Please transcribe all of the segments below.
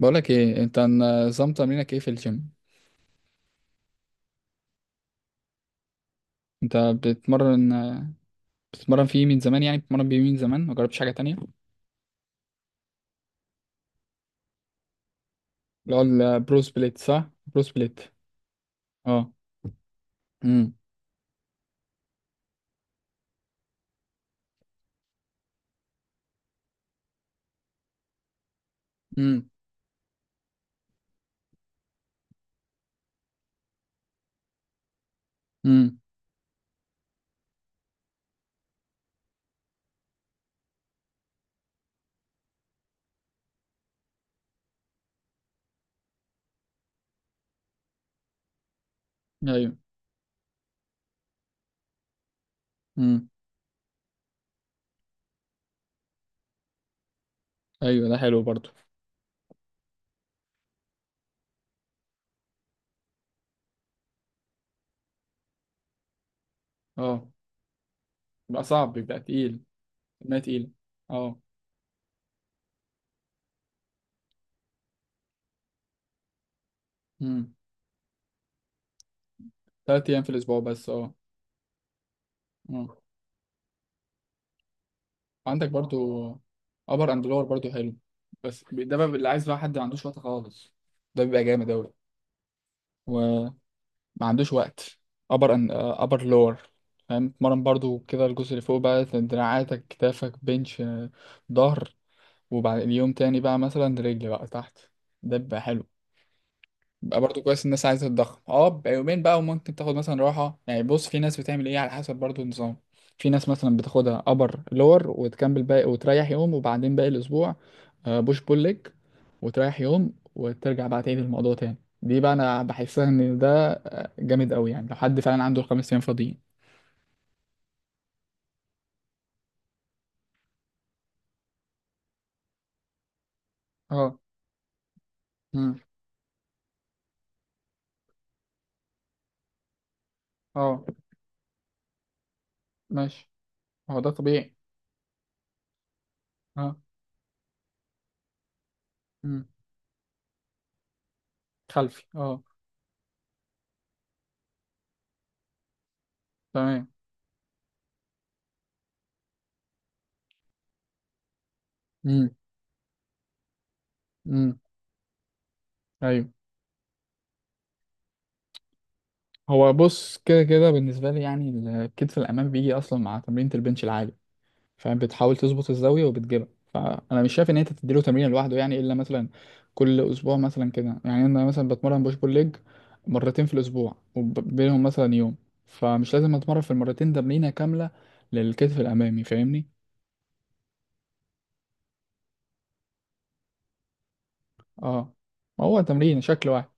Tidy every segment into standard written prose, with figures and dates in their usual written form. بقولك ايه انت؟ نظام تمرينك ايه في الجيم؟ انت بتتمرن بتتمرن فيه من زمان؟ يعني بتتمرن بيه من زمان ما جربتش حاجه تانية؟ اللي هو البرو سبليت، صح؟ برو سبليت. اه امم امم امم ايوه. امم. ايوه، ده حلو برضو. اه، بيبقى صعب، بيبقى تقيل، ما تقيل. اه. امم. تلات ايام في الاسبوع بس؟ اه. اه، عندك برضو ابر اند لور، برضو حلو، بس ده بقى اللي عايز بقى حد ما عندوش وقت خالص، ده بيبقى جامد اوي. ما عندوش وقت، ابر ان ابر لور. فاهم؟ اتمرن برضو كده الجزء اللي فوق بقى، دراعاتك، كتافك، بنش، ظهر، وبعد اليوم تاني بقى مثلا رجل بقى تحت، ده بيبقى حلو. بقى برضو كويس، الناس عايزة تتضخم، اه بقى يومين بقى، وممكن تاخد مثلا راحة. يعني بص، في ناس بتعمل ايه على حسب برضو النظام. في ناس مثلا بتاخدها ابر لور وتكمل باقي وتريح يوم، وبعدين باقي الاسبوع بوش بول ليج، وتريح يوم، وترجع بقى تعيد الموضوع تاني. دي بقى انا بحسها ان ده جامد قوي، يعني لو حد فعلا عنده الخمس ايام فاضيين. اه. امم. اه. ماشي، هو ده طبيعي. اه. امم. خلفي، اه. تمام. امم. امم. ايوه. هو بص، كده كده بالنسبة لي يعني، الكتف الأمام بيجي أصلا مع تمرينة البنش العالي. فاهم؟ بتحاول تظبط الزاوية وبتجيبها، فأنا مش شايف إن أنت تديله تمرين لوحده يعني، إلا مثلا كل أسبوع مثلا كده. يعني أنا مثلا بتمرن بوش بول ليج مرتين في الأسبوع، وبينهم مثلا يوم، فمش لازم أتمرن في المرتين تمرينة كاملة للكتف الأمامي. فاهمني؟ أه، ما هو تمرين شكل واحد.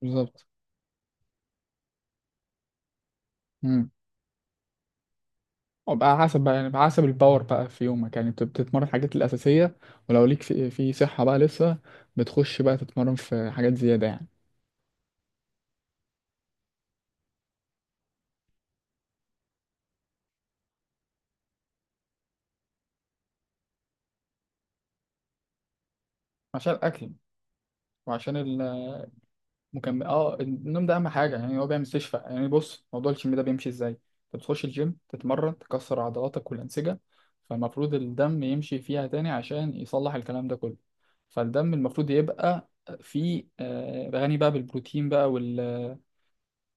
بالظبط. وبقى حسب بقى، يعني بقى حسب الباور بقى في يومك، يعني بتتمرن حاجات الأساسية، ولو ليك في صحة بقى لسه بتخش بقى تتمرن في حاجات زيادة يعني. عشان الأكل. وعشان المكمل. اه، النوم ده أهم حاجة يعني، هو بيعمل استشفاء. يعني بص، موضوع الجيم ده بيمشي ازاي؟ انت بتخش الجيم تتمرن، تكسر عضلاتك والأنسجة، فالمفروض الدم يمشي فيها تاني عشان يصلح الكلام ده كله. فالدم المفروض يبقى فيه غني بقى بالبروتين بقى،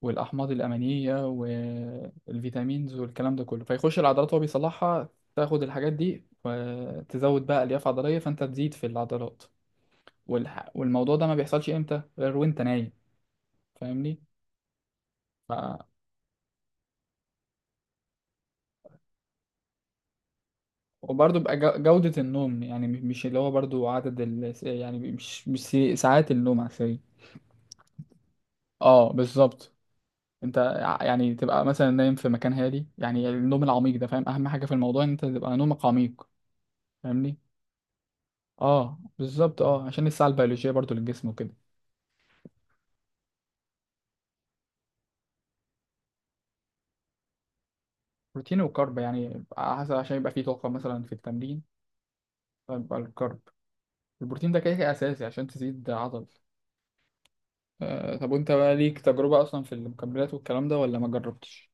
والاحماض الامينيه والفيتامينز والكلام ده كله، فيخش العضلات وهو بيصلحها، تاخد الحاجات دي وتزود بقى الياف عضليه فانت تزيد في العضلات. والموضوع ده ما بيحصلش امتى غير وانت نايم. فاهمني؟ ف... وبرضه بقى جودة النوم يعني، مش اللي هو برضه عدد يعني، مش ساعات النوم عشان. اه، بالظبط. انت يعني تبقى مثلا نايم في مكان هادي، يعني النوم العميق ده. فاهم؟ اهم حاجة في الموضوع ان انت تبقى نومك عميق. فاهمني؟ اه، بالظبط، اه، عشان الساعة البيولوجية برضو للجسم وكده. بروتين وكارب يعني، على حسب، عشان يبقى فيه طاقة مثلا في التمرين، فيبقى الكارب. البروتين ده كده كده أساسي عشان تزيد عضل. آه، طب وانت بقى ليك تجربة أصلا في المكملات والكلام ده، ولا ما جربتش؟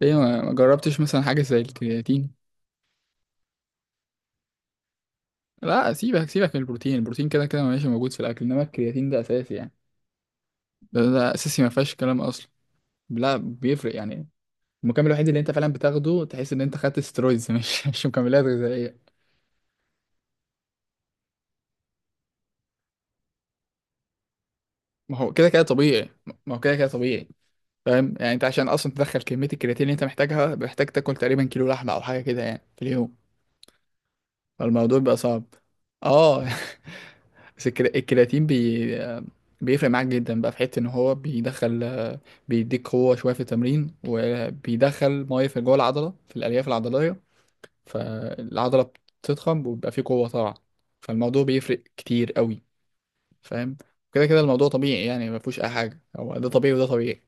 ليه ما جربتش مثلا حاجة زي الكرياتين؟ لا سيبك، سيبك من البروتين، البروتين كده كده ماشي، موجود في الأكل، إنما الكرياتين ده أساسي يعني. ده أساسي، ما فيهاش كلام أصلا. لا، بيفرق يعني. المكمل الوحيد اللي انت فعلا بتاخده تحس ان انت خدت سترويدز. مش مش مكملات غذائية. ما هو كده كده طبيعي. ما هو كده كده طبيعي. فاهم يعني؟ انت عشان اصلا تدخل كميه الكرياتين اللي انت محتاجها، محتاج تاكل تقريبا كيلو لحمه او حاجه كده يعني في اليوم، فالموضوع بقى صعب. اه بس الكرياتين بيفرق معاك جدا بقى، في حته ان هو بيدخل، بيديك قوه شويه في التمرين، وبيدخل ميه في جوه العضله في الالياف العضليه، فالعضله بتضخم وبيبقى فيه قوه طبعا، فالموضوع بيفرق كتير قوي. فاهم؟ كده كده الموضوع طبيعي يعني، ما فيهوش اي حاجه، هو ده طبيعي وده طبيعي.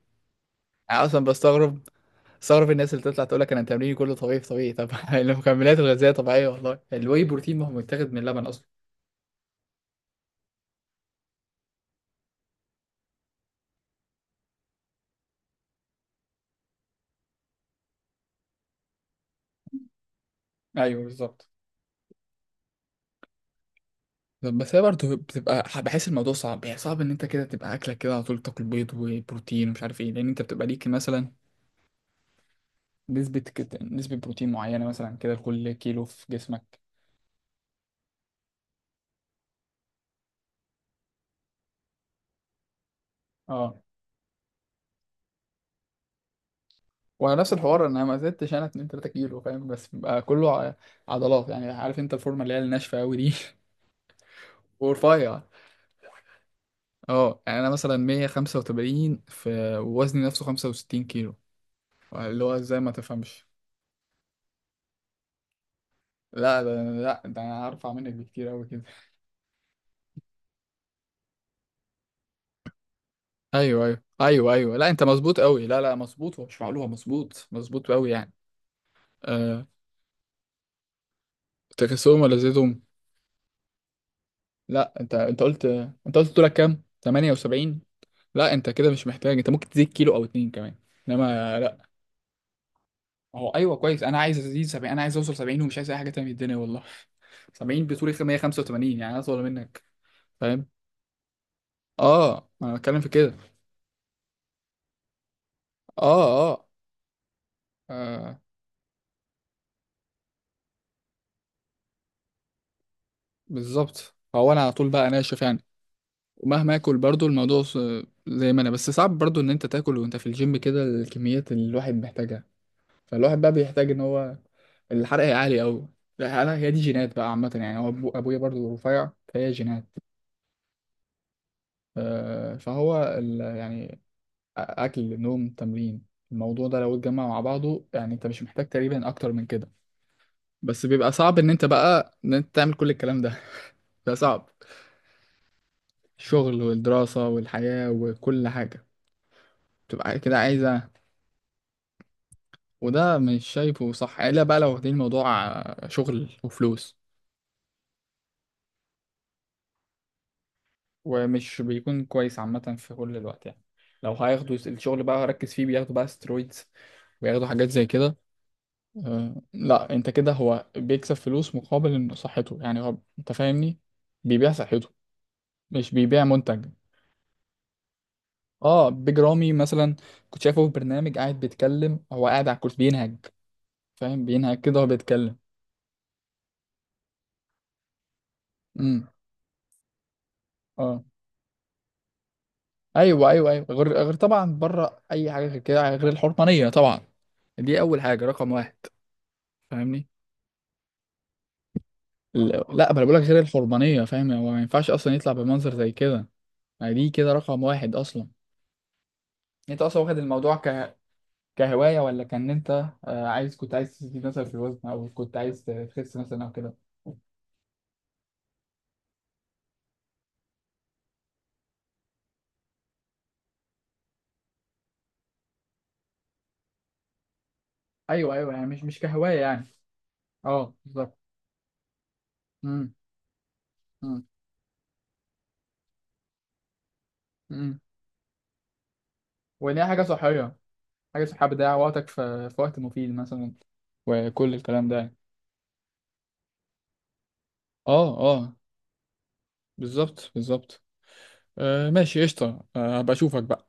انا اصلا بستغرب، استغرب الناس اللي تطلع تقول لك انا تمريني كله طبيعي، في طبيعي؟ طب المكملات الغذائيه طبيعيه والله، الواي بروتين ما هو متاخد من اللبن اصلا. ايوه بالظبط. طب بس هي برضه بتبقى، بحس الموضوع صعب يعني، صعب ان انت كده تبقى اكلك كده على طول تاكل بيض وبروتين ومش عارف ايه، لان انت بتبقى ليك مثلا نسبه بروتين معينه مثلا كده لكل كيلو في جسمك. اه، وانا نفس الحوار، انا ما زدتش انا 2 3 كيلو. فاهم؟ بس بقى كله عضلات يعني، عارف انت الفورمه اللي هي الناشفه قوي دي. ورفيع. اه يعني انا مثلا 185 في ووزني نفسه 65 كيلو، اللي هو ازاي ما تفهمش. لا ده، لا ده انا هرفع منك بكتير قوي كده. ايوه ايوه ايوه ايوه. لا انت مظبوط قوي، لا لا، مظبوط، ومش معقول، مظبوط، مظبوط قوي يعني. أه. تكسهم ولا زيتهم؟ لا، انت قلت. انت قلت طولك كام، 78؟ لا انت كده مش محتاج، انت ممكن تزيد كيلو او اتنين كمان، انما لا. هو ايوه كويس، انا عايز ازيد 70، انا عايز اوصل 70 ومش عايز اي حاجه تانية من الدنيا والله. 70 بطولي 185، يعني اطول منك. فاهم؟ اه انا بتكلم في كده. اه اه, آه بالظبط. هو انا على طول بقى ناشف يعني، ومهما اكل برضو الموضوع زي ما انا، بس صعب برضو ان انت تاكل وانت في الجيم كده الكميات اللي الواحد محتاجها، فالواحد بقى بيحتاج ان هو. الحرق عالي قوي. لا انا هي دي جينات بقى عامه يعني، هو أبو ابويا برضو رفيع فهي جينات. آه فهو ال يعني، اكل نوم تمرين، الموضوع ده لو اتجمع مع بعضه، يعني انت مش محتاج تقريبا اكتر من كده، بس بيبقى صعب ان انت بقى ان انت تعمل كل الكلام ده. ده صعب. الشغل والدراسة والحياة وكل حاجة بتبقى كده عايزة، وده مش شايفه صح الا بقى لو واخدين الموضوع شغل وفلوس. ومش بيكون كويس عامة في كل الوقت يعني، لو هياخدوا الشغل بقى ركز فيه، بياخدوا بقى سترويدز وياخدوا حاجات زي كده. أه لا، انت كده هو بيكسب فلوس مقابل إن صحته، يعني هو، انت فاهمني، بيبيع صحته، مش بيبيع منتج. اه، بيج رامي مثلا، كنت شايفه في برنامج قاعد بيتكلم، هو قاعد على الكرسي بينهج، فاهم؟ بينهج كده وهو بيتكلم. امم. اه. ايوه ايوه ايوه، غير غير طبعا، بره اي حاجه، غير كده، غير الحرمانيه طبعا، دي اول حاجه رقم واحد. فاهمني؟ لا ما انا بقولك غير الحرمانيه. فاهم؟ هو ما ينفعش اصلا يطلع بمنظر زي كده، يعني دي كده رقم واحد اصلا. انت اصلا واخد الموضوع كهوايه، ولا كان انت عايز، كنت عايز تزيد مثلا في الوزن، او كنت عايز تخس مثلا او كده؟ ايوه ايوه، يعني مش مش كهوايه يعني. اه بالظبط. امم. امم. امم. وان هي حاجه صحيه، حاجه صحيه بتضيع وقتك في وقت مفيد مثلا، وكل الكلام ده يعني. اه اه، بالظبط بالظبط. آه ماشي، قشطه. هبقى اشوفك بقى.